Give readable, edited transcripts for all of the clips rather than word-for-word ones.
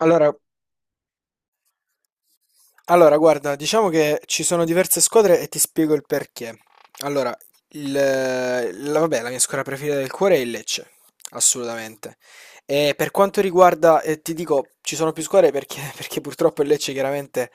Allora, allora, guarda, diciamo che ci sono diverse squadre e ti spiego il perché. Allora, la mia squadra preferita del cuore è il Lecce, assolutamente. E per quanto riguarda, ti dico, ci sono più squadre perché, perché purtroppo il Lecce chiaramente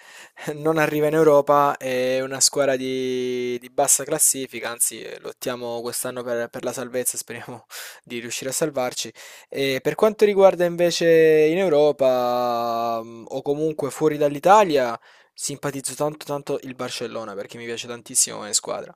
non arriva in Europa, è una squadra di bassa classifica, anzi lottiamo quest'anno per la salvezza, speriamo di riuscire a salvarci. E per quanto riguarda invece in Europa, o comunque fuori dall'Italia, simpatizzo tanto tanto il Barcellona perché mi piace tantissimo come squadra.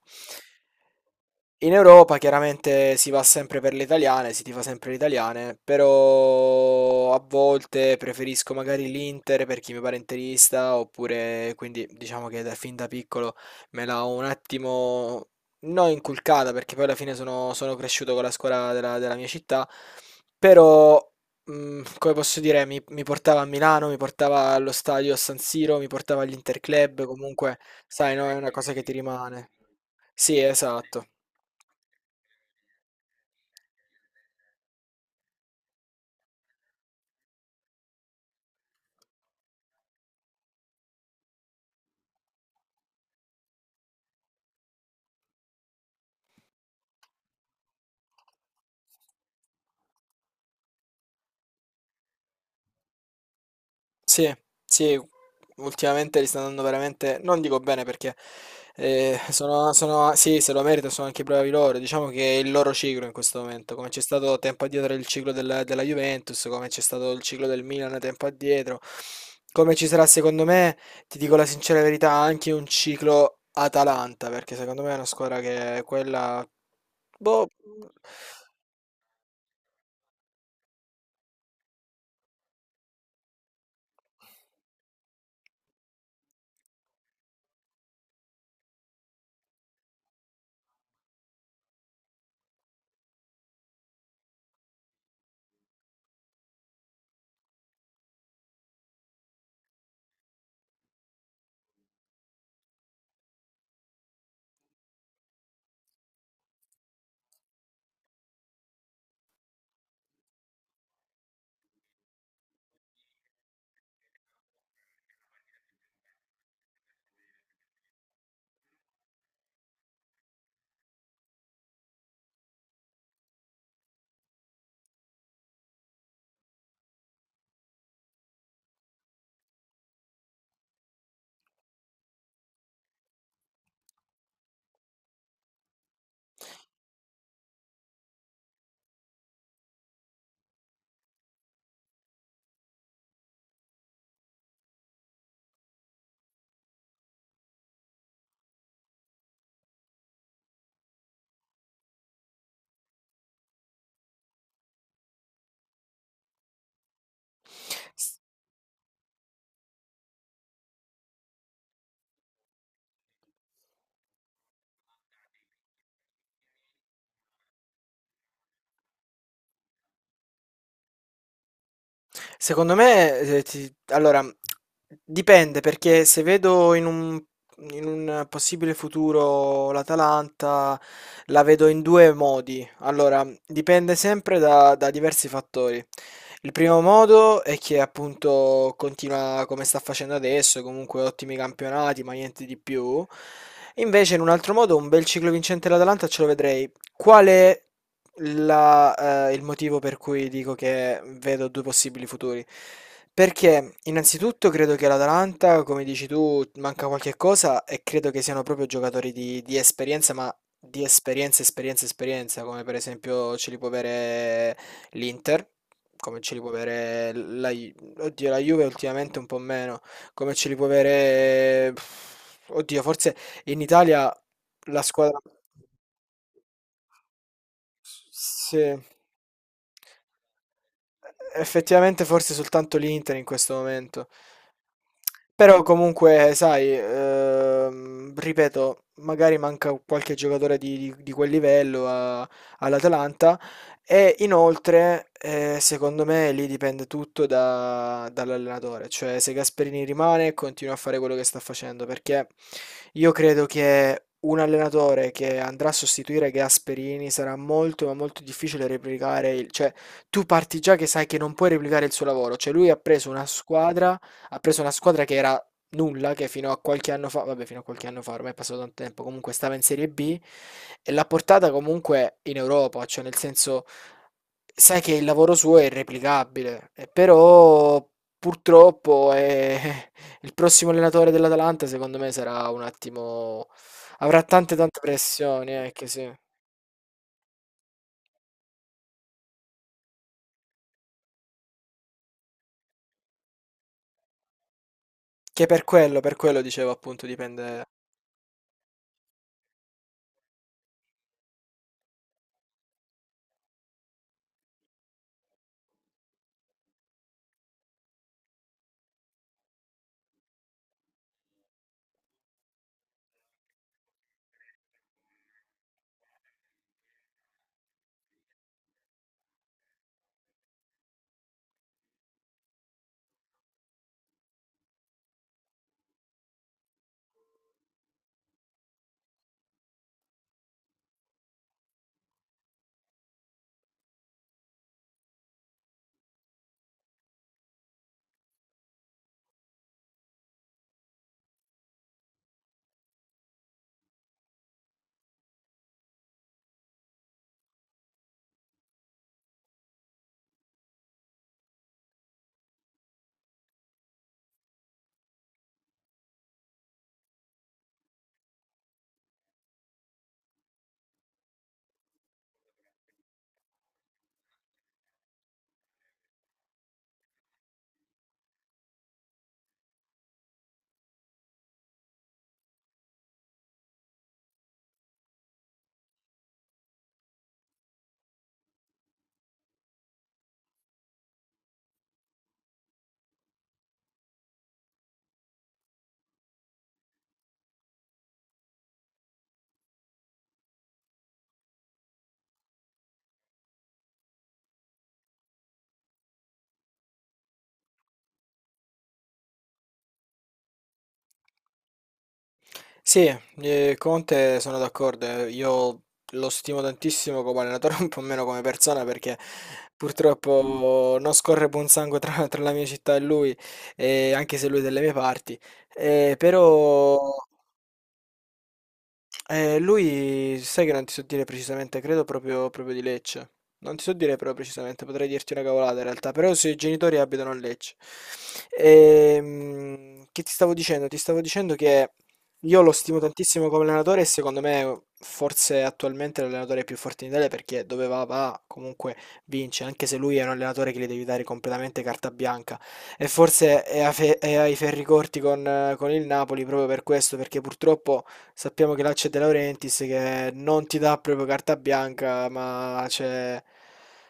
In Europa chiaramente si va sempre per le italiane, si tifa sempre le italiane, però a volte preferisco magari l'Inter per chi mi pare interista, oppure quindi diciamo che fin da piccolo me l'ha un attimo non inculcata, perché poi alla fine sono cresciuto con la scuola della mia città, però come posso dire, mi portava a Milano, mi portava allo stadio San Siro, mi portava all'Interclub, comunque sai, no, è una cosa che ti rimane. Sì, esatto. Sì, sì, ultimamente li stanno andando veramente, non dico bene perché sì, se lo meritano, sono anche bravi loro. Diciamo che è il loro ciclo in questo momento, come c'è stato tempo addietro il ciclo della Juventus, come c'è stato il ciclo del Milan tempo addietro, come ci sarà secondo me, ti dico la sincera verità, anche un ciclo Atalanta, perché secondo me è una squadra che è quella. Boh. Secondo me, allora, dipende perché se vedo in un possibile futuro l'Atalanta, la vedo in due modi. Allora, dipende sempre da diversi fattori. Il primo modo è che appunto continua come sta facendo adesso, comunque ottimi campionati, ma niente di più. Invece, in un altro modo, un bel ciclo vincente l'Atalanta ce lo vedrei. Quale il motivo per cui dico che vedo due possibili futuri. Perché innanzitutto credo che l'Atalanta, come dici tu, manca qualche cosa e credo che siano proprio giocatori di esperienza, ma di esperienza, esperienza, esperienza, come per esempio ce li può avere l'Inter, come ce li può avere oddio, la Juve ultimamente un po' meno, come ce li può avere, pff, oddio, forse in Italia la squadra. Sì. Effettivamente forse soltanto l'Inter in questo momento. Però comunque, sai, ripeto, magari manca qualche giocatore di quel livello all'Atalanta e inoltre, secondo me, lì dipende tutto dall'allenatore. Cioè, se Gasperini rimane, continua a fare quello che sta facendo, perché io credo che un allenatore che andrà a sostituire Gasperini sarà molto, ma molto difficile replicare il, cioè, tu parti già che sai che non puoi replicare il suo lavoro, cioè lui ha preso una squadra, ha preso una squadra che era nulla, che fino a qualche anno fa, vabbè fino a qualche anno fa, ormai è passato tanto tempo, comunque stava in Serie B e l'ha portata comunque in Europa, cioè nel senso sai che il lavoro suo è irreplicabile, però purtroppo il prossimo allenatore dell'Atalanta secondo me sarà un attimo, avrà tante tante pressioni, che sì. Che per quello dicevo appunto dipende. Sì, Conte sono d'accordo, io lo stimo tantissimo come allenatore, un po' meno come persona perché purtroppo non scorre buon sangue tra la mia città e lui, anche se lui è delle mie parti. Però lui, sai che non ti so dire precisamente, credo proprio, proprio di Lecce. Non ti so dire però precisamente, potrei dirti una cavolata in realtà, però i suoi genitori abitano a Lecce. Che ti stavo dicendo? Ti stavo dicendo che io lo stimo tantissimo come allenatore e secondo me forse attualmente è l'allenatore più forte in Italia perché dove va va, comunque vince, anche se lui è un allenatore che gli devi dare completamente carta bianca. E forse è, è ai ferri corti con il Napoli proprio per questo, perché purtroppo. Sappiamo che là c'è De Laurentiis che non ti dà proprio carta bianca, ma c'è.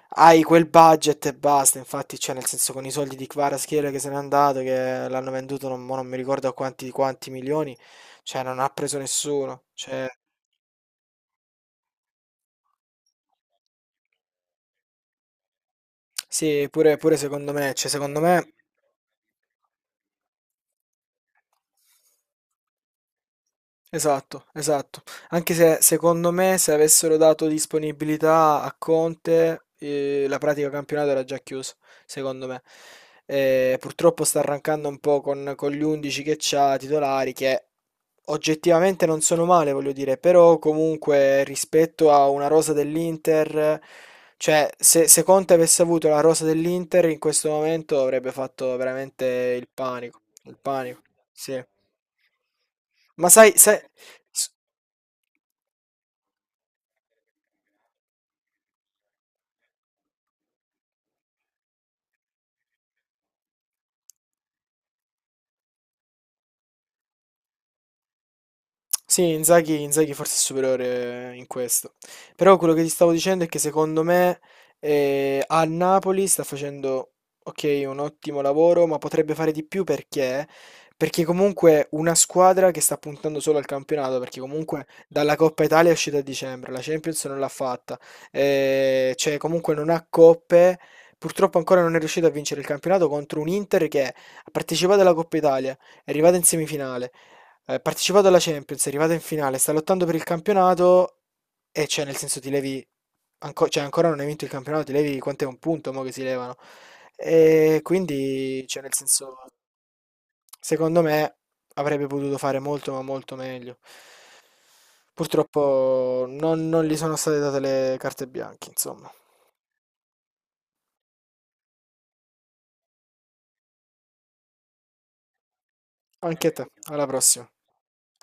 Hai quel budget e basta. Infatti, cioè, nel senso, con i soldi di Kvaratskhelia che se n'è andato, che l'hanno venduto, non, mo non mi ricordo a quanti, quanti milioni, cioè, non ha preso nessuno. Cioè, sì, pure, pure secondo me, cioè, secondo me, esatto, esatto. Anche se secondo me, se avessero dato disponibilità a Conte, la pratica campionato era già chiusa, secondo me. Purtroppo sta arrancando un po' con gli 11 che c'ha titolari che oggettivamente non sono male, voglio dire, però comunque rispetto a una rosa dell'Inter, cioè se Conte avesse avuto la rosa dell'Inter in questo momento avrebbe fatto veramente il panico, sì. Ma sai, sai, s- Sì, Inzaghi, Inzaghi forse è superiore in questo. Però quello che ti stavo dicendo è che secondo me a Napoli sta facendo, ok, un ottimo lavoro, ma potrebbe fare di più perché? Perché comunque una squadra che sta puntando solo al campionato, perché comunque dalla Coppa Italia è uscita a dicembre, la Champions non l'ha fatta, cioè comunque non ha coppe, purtroppo ancora non è riuscita a vincere il campionato contro un Inter che ha partecipato alla Coppa Italia, è arrivata in semifinale partecipato alla Champions, è arrivata in finale, sta lottando per il campionato e cioè nel senso ti levi, cioè ancora non hai vinto il campionato, ti levi quant'è un punto mo che si levano. E quindi, cioè nel senso, secondo me avrebbe potuto fare molto ma molto meglio. Purtroppo non, non gli sono state date le carte bianche, insomma. Anche a te, alla prossima.